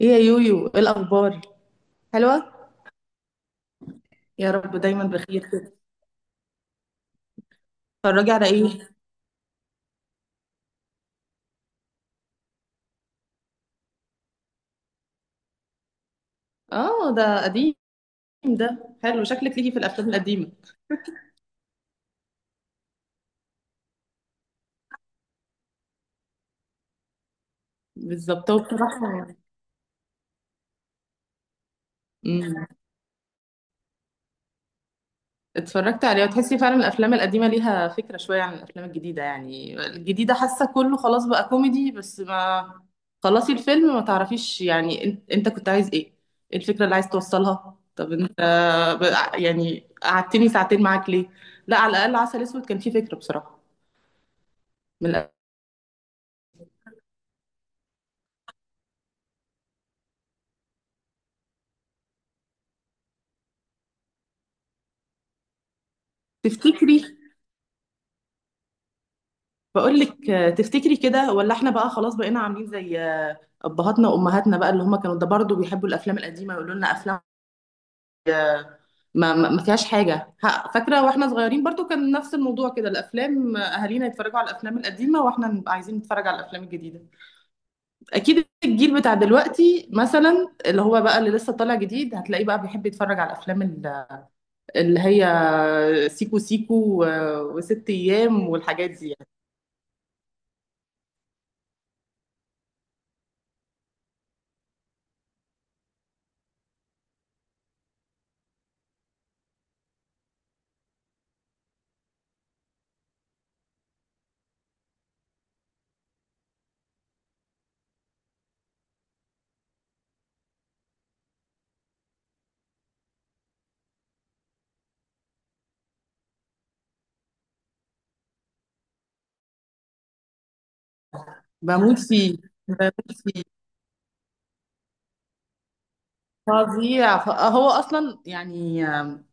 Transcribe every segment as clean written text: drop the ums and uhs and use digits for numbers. ايه يا يويو، ايه الاخبار؟ حلوه. يا رب دايما بخير كده. اتفرجي على ايه؟ اه، ده قديم. ده حلو، شكلك ليكي في الافلام القديمه. بالظبط، هو بصراحه. امم اتفرجت عليه وتحسي فعلا الافلام القديمه ليها فكره شويه عن الافلام الجديده. يعني الجديده حاسه كله خلاص بقى كوميدي، بس ما خلصي الفيلم ما تعرفيش يعني انت كنت عايز ايه؟ ايه الفكره اللي عايز توصلها؟ طب انت يعني قعدتني ساعتين معاك ليه؟ لا، على الاقل عسل اسود كان فيه فكره بصراحه. من تفتكري؟ بقول لك، تفتكري كده؟ ولا احنا بقى خلاص بقينا عاملين زي ابهاتنا وامهاتنا بقى، اللي هم كانوا ده برضه بيحبوا الافلام القديمه يقولوا لنا افلام آه، ما فيهاش حاجه. ها، فاكره واحنا صغيرين برضه كان نفس الموضوع كده، الافلام اهالينا يتفرجوا على الافلام القديمه واحنا نبقى عايزين نتفرج على الافلام الجديده. اكيد الجيل بتاع دلوقتي مثلا، اللي هو بقى اللي لسه طالع جديد، هتلاقيه بقى بيحب يتفرج على الافلام اللي هي سيكو سيكو وست ايام والحاجات دي يعني. بموت فيه، بموت فيه. فظيع. فهو اصلا يعني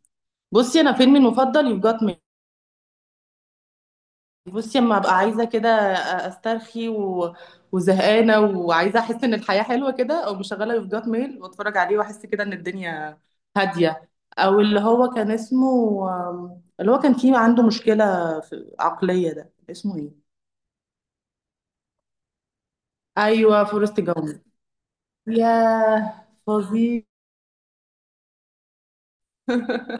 بصي، انا فيلمي المفضل يو جات مي. بصي، اما ابقى عايزه كده استرخي و... وزهقانه وعايزه احس ان الحياه حلوه كده، او مشغله يو جات ميل واتفرج عليه واحس كده ان الدنيا هاديه. او اللي هو كان اسمه، اللي هو كان فيه عنده مشكله في عقليه، ده اسمه ايه؟ ايوه، فورست جامب. ياه، فظيع.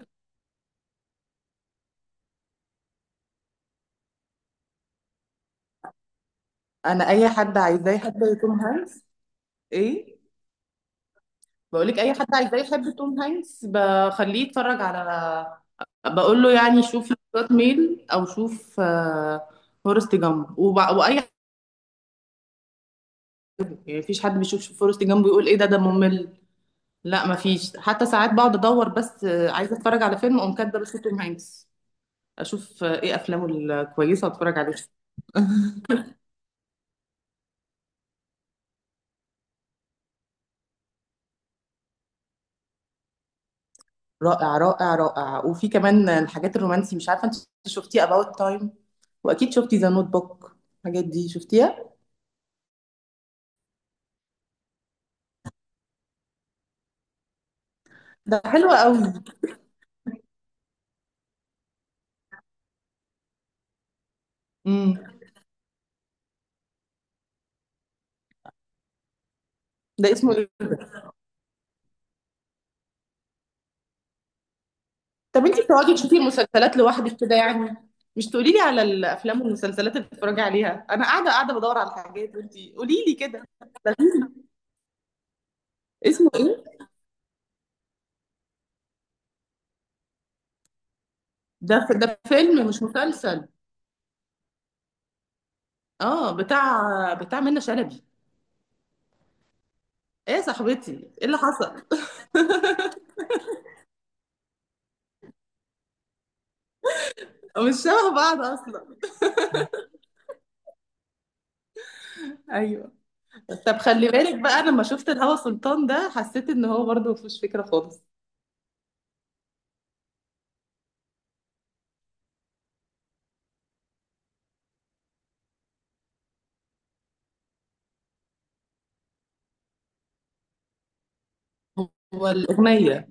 انا اي حد عايزاه حد يكون هانس. ايه؟ بقولك اي حد عايزاه يحب توم هانكس بخليه يتفرج على. بقول له يعني شوف سكوت ميل، او شوف فورست جامب، واي حد. يعني مفيش حد بيشوف فورست جامب ويقول ايه ده ممل. لا، مفيش. حتى ساعات بقعد ادور، بس عايزه اتفرج على فيلم اقوم كاتبه بس توم هانكس، اشوف ايه افلامه الكويسه واتفرج عليها. رائع، رائع، رائع. وفي كمان الحاجات الرومانسي، مش عارفه انت شفتي اباوت تايم؟ واكيد شفتي ذا نوت بوك، الحاجات دي شفتيها؟ ده حلوة قوي. ده اسمه إيه ده؟ طب أنتِ بتقعدي تشوفي المسلسلات لوحدِك كده يعني، مش تقولي لي على الأفلام والمسلسلات اللي بتتفرجي عليها، أنا قاعدة قاعدة بادوّر على حاجات وأنتِ قولي لي كده. اسمه إيه؟ ده فيلم مش مسلسل؟ آه، بتاع منة شلبي. إيه يا صاحبتي، إيه اللي حصل؟ مش شبه بعض أصلًا. أيوه. طب خلّي بالِك بقى، أنا لمّا شُفت الهوا سلطان ده حسّيت إن هو برضه ما فيهوش فكرة خالص. هو الأغنية،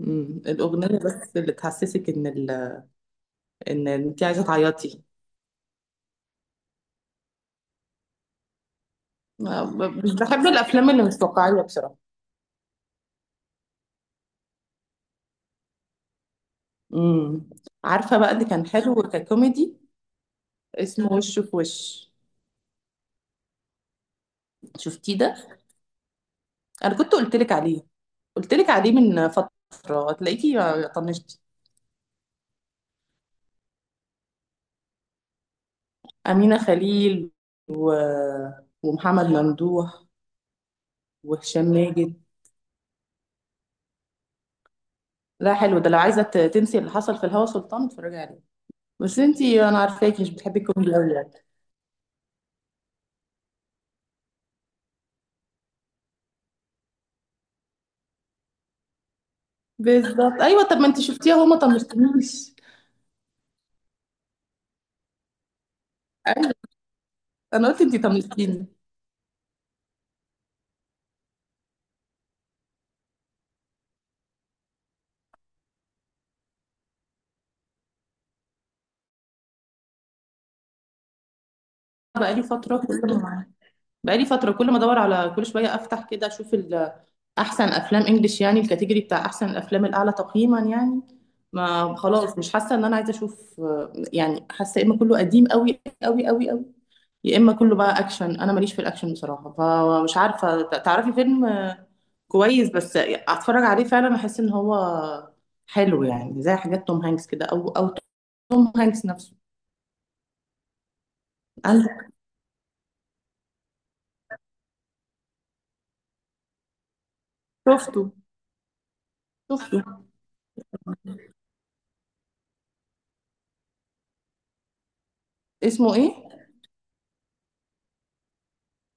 الأغنية بس اللي تحسّسِك إن إن أنتِ عايزة تعيّطي. مش بحب الافلام اللي مش واقعيه بصراحه. امم عارفه بقى اللي كان حلو ككوميدي؟ اسمه وش في وش. شفتيه ده؟ انا كنت قلت لك عليه من فتره، هتلاقيكي طنشتي. امينه خليل و... ومحمد ممدوح، وهشام ماجد. لا، حلو ده، لو عايزه تنسي اللي حصل في الهوا سلطان اتفرجي عليه. بس انتي، انا عارفاكي مش بتحبي الكوميدي قوي يعني. بالظبط، ايوه. طب ما انتي شفتيها؟ هما طنشتنيش، ايوه. انا قلت انتي طنشتيني. بقالي فترة كل ما بقالي فترة كل ما ادور على كل شوية افتح كده اشوف احسن افلام انجلش، يعني الكاتيجوري بتاع احسن الافلام الاعلى تقييما يعني. ما خلاص مش حاسة ان انا عايزة اشوف، يعني حاسة يا اما كله قديم قوي قوي قوي قوي، يا اما كله بقى اكشن، انا ماليش في الاكشن بصراحة. فمش عارفة تعرفي فيلم كويس بس اتفرج عليه فعلا احس ان هو حلو، يعني زي حاجات توم هانكس كده، او توم هانكس نفسه. انا شفته، شفته. اسمه ايه؟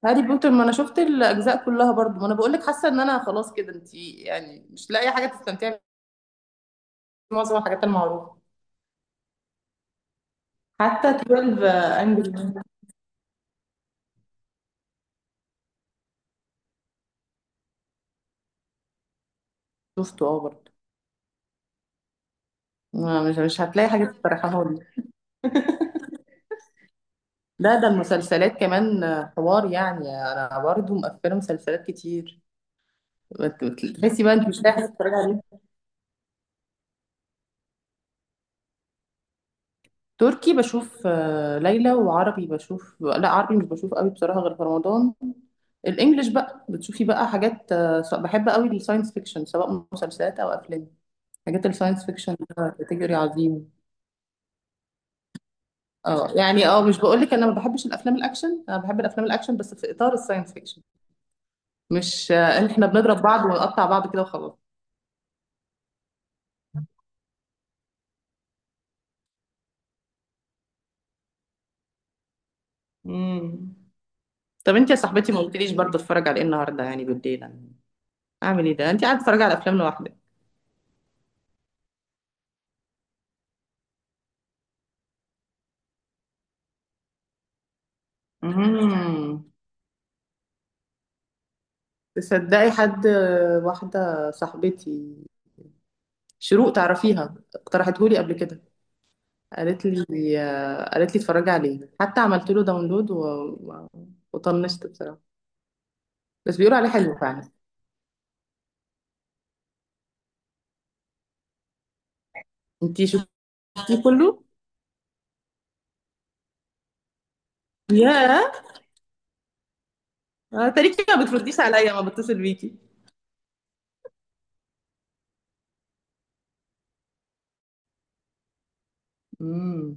هاري بوتر؟ ما انا شفت الاجزاء كلها برضو. ما انا بقول لك حاسه ان انا خلاص كده، انت يعني مش لاقي حاجه تستمتعي بمعظم الحاجات المعروفه. حتى 12 انجري مان شفته، اه، برضو. مش هتلاقي حاجه تفرحها لي. لا، ده المسلسلات كمان حوار يعني. انا برضو مقفله مسلسلات كتير، تحسي بقى انت مش لاقي حاجه تتفرجي عليها. تركي بشوف ليلى، وعربي بشوف، لا عربي مش بشوف قوي بصراحه، غير في رمضان. الانجليش بقى بتشوفي بقى حاجات، بحب قوي الساينس فيكشن سواء مسلسلات او افلام. حاجات الساينس فيكشن كاتيجوري عظيم. اه، يعني اه مش بقول لك انا ما بحبش الافلام الاكشن، انا بحب الافلام الاكشن بس في اطار الساينس فيكشن. مش ان احنا بنضرب بعض ونقطع بعض كده وخلاص. امم طب انت يا صاحبتي، ما قلتليش برضه اتفرج على ايه النهارده يعني بالليل؟ أنا اعمل ايه ده؟ انت قاعده تتفرجي على افلام لوحدك. امم تصدقي حد، واحده صاحبتي شروق، تعرفيها؟ اقترحتهولي قبل كده. قالت لي قالت لي اتفرجي عليه، حتى عملت له داونلود و... و- وطنشت بصراحه. بس بيقولوا عليه حلو فعلا. انتي شفتيه كله؟ يا تاريخي، ما بترديش عليا ما بتصل بيكي. امم.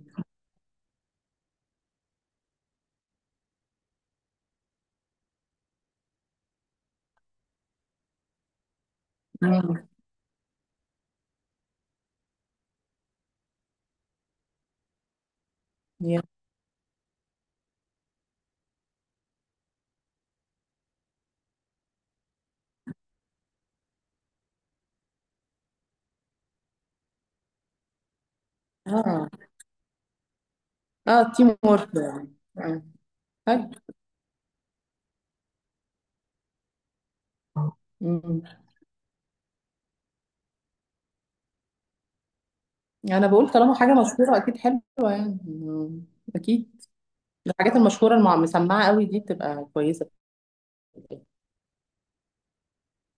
أمم. يا، اه، اه، تيم وورك يعني. آه. حلو. أمم. انا بقول طالما حاجه مشهوره اكيد حلوه يعني. أمم. اكيد الحاجات المشهوره المسمعه قوي دي بتبقى كويسه.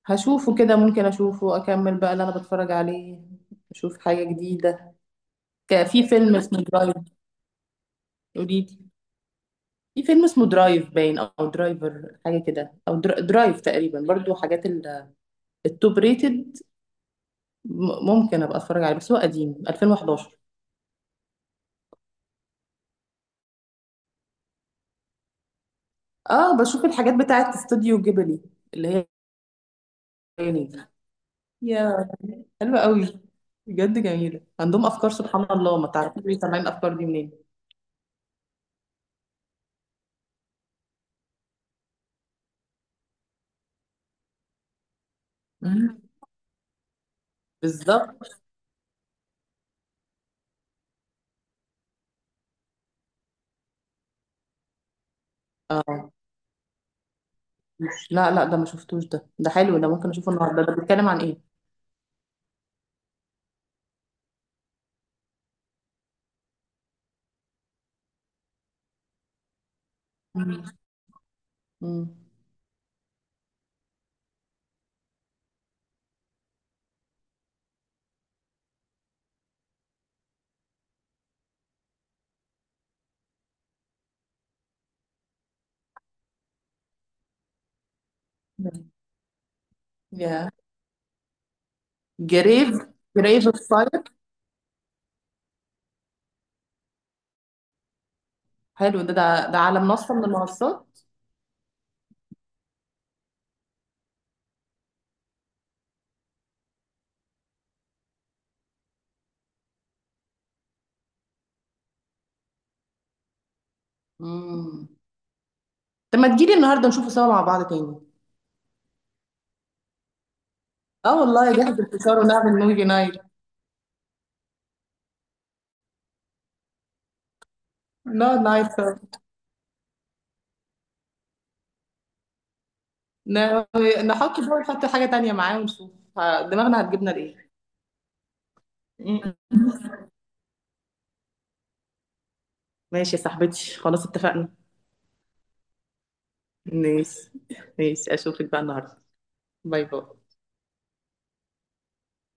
هشوفه كده، ممكن اشوفه اكمل بقى اللي انا بتفرج عليه، اشوف حاجه جديده. في فيلم اسمه درايف. قولي لي، في فيلم اسمه درايف باين او درايفر حاجه كده، او درايف تقريبا، برضو حاجات التوب ريتد. ممكن ابقى اتفرج عليه، بس هو قديم، 2011. اه، بشوف الحاجات بتاعت استوديو جيبلي، اللي هي يعني دي. يا، حلوه قوي بجد، جميله. عندهم افكار سبحان الله، ما تعرفيش ليه طالعين الافكار دي منين. مم. بالظبط. اه، لا، لا، ده ما شفتوش ده، ده حلو ده، ممكن اشوفه النهارده. ده بيتكلم عن ايه؟ مم. مم. يا جريف جريف اوف فاير. حلو ده على منصة من المنصات. امم طب ما تجيلي النهارده نشوفه سوا مع بعض تاني. اه والله، جهز الفشار ونعمل موفي نايت. نقعد نايت سوا. نحط بقى، ونحط حاجة تانية معاه ونشوف دماغنا هتجيبنا لإيه. مم. ماشي يا صاحبتي، خلاص اتفقنا. ماشي، ماشي، اشوفك بقى النهارده. باي باي.